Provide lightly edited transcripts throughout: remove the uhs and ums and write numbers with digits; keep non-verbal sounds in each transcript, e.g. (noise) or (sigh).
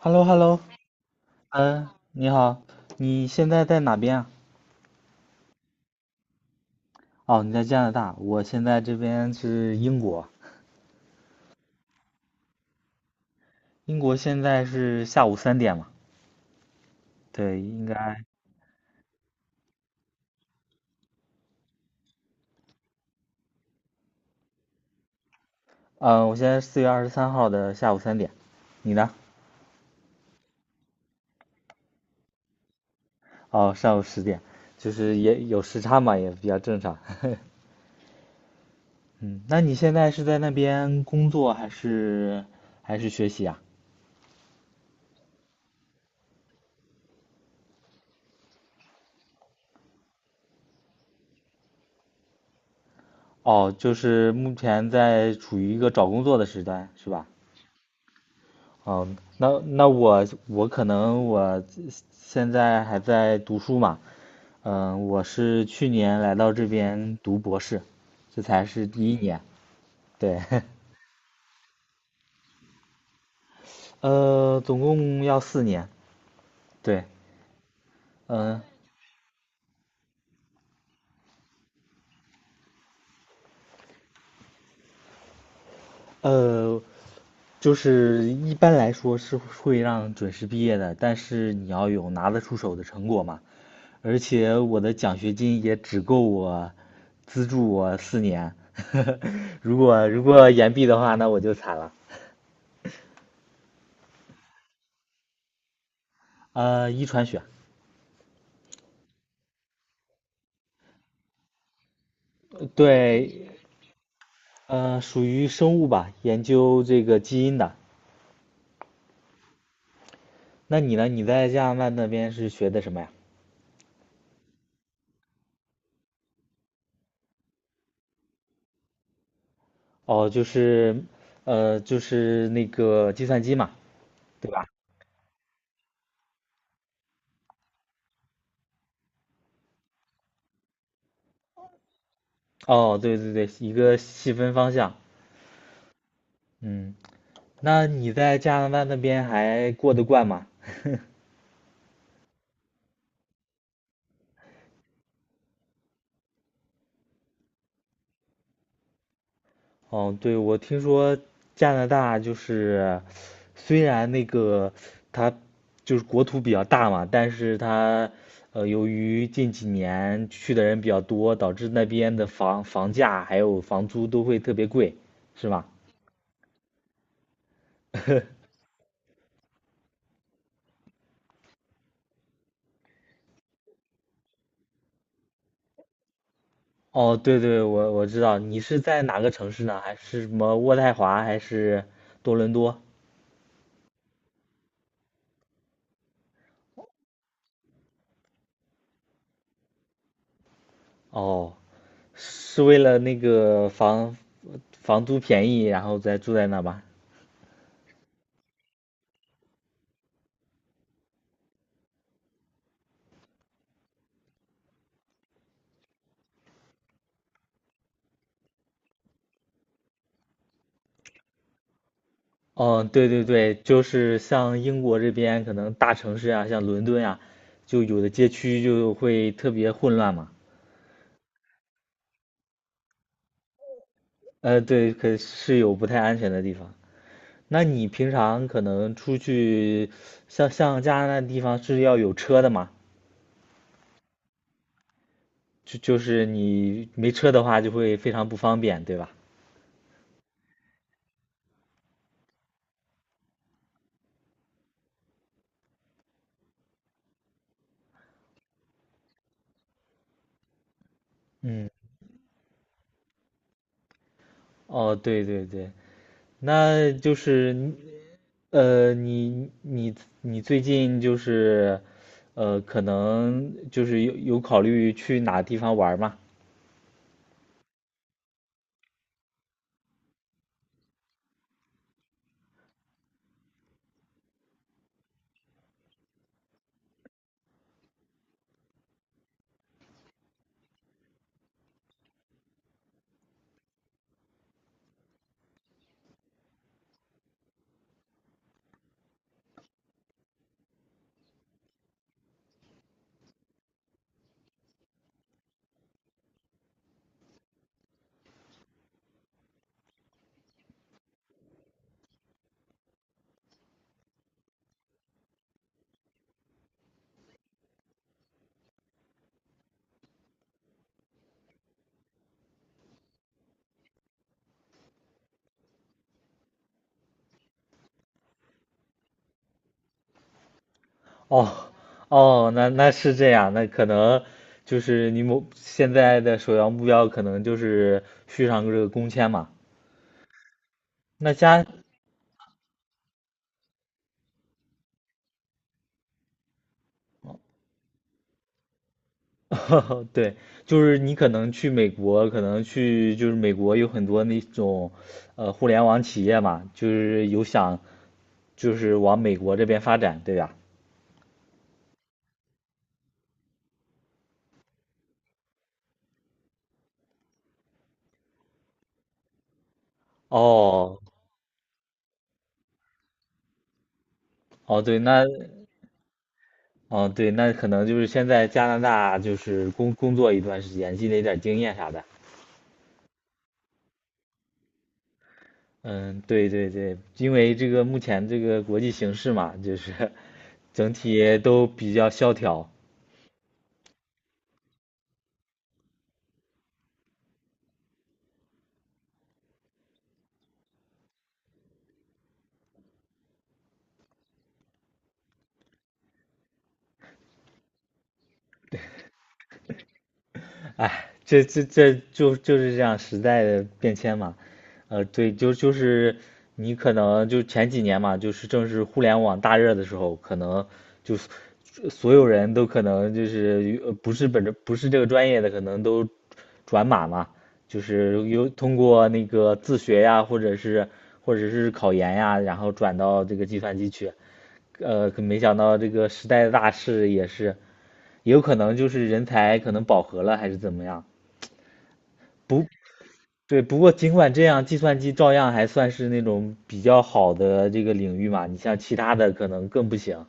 h e l l o h e l l o 嗯，你好，你现在在哪边啊？哦，你在加拿大，我现在这边是英国。英国现在是下午三点嘛？对，应该。嗯，我现在4月23号的下午三点，你呢？哦，上午10点，就是也有时差嘛，也比较正常。(laughs) 嗯，那你现在是在那边工作还是学习啊？哦，就是目前在处于一个找工作的时段，是吧？哦，那那我我可能我现在还在读书嘛。嗯，我是去年来到这边读博士，这才是第一年，对。(laughs) 总共要4年，对。嗯，呃，就是一般来说是会让准时毕业的，但是你要有拿得出手的成果嘛。而且我的奖学金也只够我资助我四年。(laughs) 如果延毕的话，那我就惨了。遗传学，对。属于生物吧，研究这个基因的。那你呢？你在加拿大那边是学的什么呀？哦，就是，就是那个计算机嘛，对吧？哦，对对对，一个细分方向。嗯，那你在加拿大那边还过得惯吗？哦，对，我听说加拿大就是，虽然那个它就是国土比较大嘛，但是它由于近几年去的人比较多，导致那边的房价还有房租都会特别贵，是吗？(laughs) 哦，对对，我知道。你是在哪个城市呢？还是什么渥太华，还是多伦多？哦，是为了那个房租便宜，然后再住在那吧？嗯，对对对，就是像英国这边可能大城市啊，像伦敦啊，就有的街区就会特别混乱嘛。对，可是有不太安全的地方。那你平常可能出去，像加拿大地方是要有车的嘛？就是你没车的话，就会非常不方便，对吧？嗯，哦，对对对。那就是呃，你你你最近就是，可能就是有考虑去哪地方玩儿吗？哦哦，那是这样，那可能就是你某现在的首要目标可能就是续上这个工签嘛。那加，(laughs) 对，就是你可能去美国，可能去就是美国有很多那种，互联网企业嘛，就是有想就是往美国这边发展，对吧？哦，哦，对，那。哦，对，那可能就是先在加拿大就是工作一段时间，积累点经验啥的。嗯，对对对，因为这个目前这个国际形势嘛，就是 (laughs) 整体都比较萧条。哎，这就是这样时代的变迁嘛。对，就是你可能就前几年嘛，就是正是互联网大热的时候，可能就是所有人都可能就是不是本着不是这个专业的，可能都转码嘛，就是有通过那个自学呀，或者是考研呀，然后转到这个计算机去。可没想到这个时代的大势也是，也有可能就是人才可能饱和了，还是怎么样。不，对，不过尽管这样，计算机照样还算是那种比较好的这个领域嘛。你像其他的可能更不行。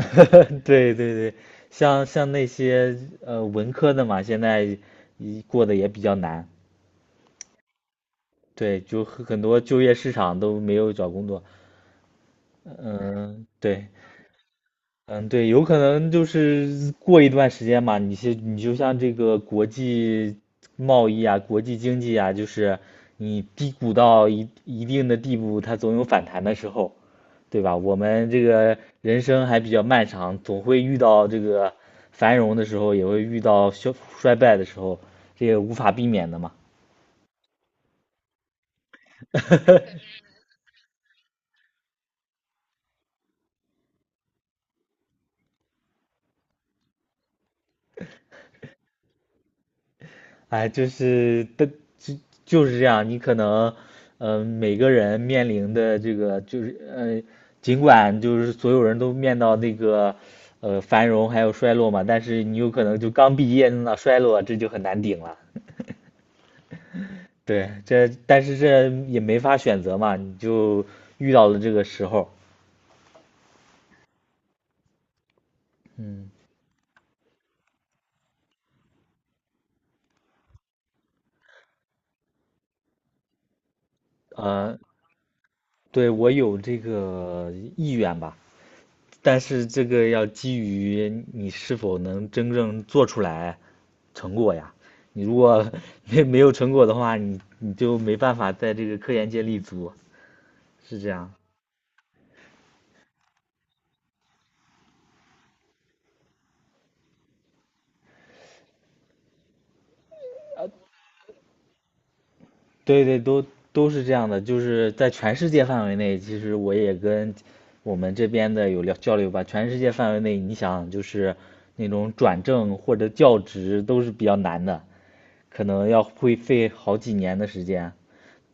(laughs) 对对对，像那些文科的嘛，现在一过得也比较难。对，就很多就业市场都没有找工作。嗯，对。嗯，对，有可能就是过一段时间嘛，你就像这个国际贸易啊、国际经济啊，就是你低谷到一定的地步，它总有反弹的时候，对吧？我们这个人生还比较漫长，总会遇到这个繁荣的时候，也会遇到衰败的时候，这也无法避免的嘛。哎，就是的，就就是这样。你可能，嗯,每个人面临的这个就是，尽管就是所有人都面到那个，繁荣还有衰落嘛，但是你有可能就刚毕业那衰落，这就很难顶了。对，这但是这也没法选择嘛，你就遇到了这个时候。嗯，呃，对，我有这个意愿吧，但是这个要基于你是否能真正做出来成果呀。你如果 (laughs) 没有成果的话，你就没办法在这个科研界立足，是这样。对对，都是这样的，就是在全世界范围内，其实我也跟我们这边的有聊交流吧。全世界范围内，你想就是那种转正或者教职都是比较难的，可能要会费好几年的时间。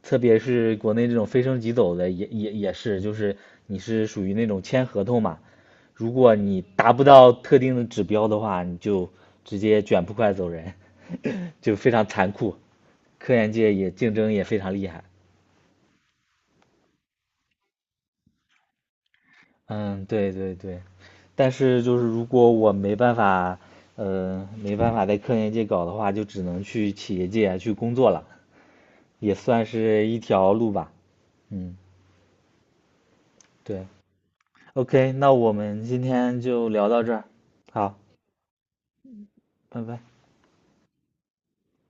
特别是国内这种非升即走的也是，就是你是属于那种签合同嘛，如果你达不到特定的指标的话，你就直接卷铺盖走人。(laughs) 就非常残酷。科研界也竞争也非常厉害。嗯，对对对。但是就是如果我没办法在科研界搞的话，就只能去企业界啊去工作了，也算是一条路吧。嗯，对。OK,那我们今天就聊到这儿，好，拜拜。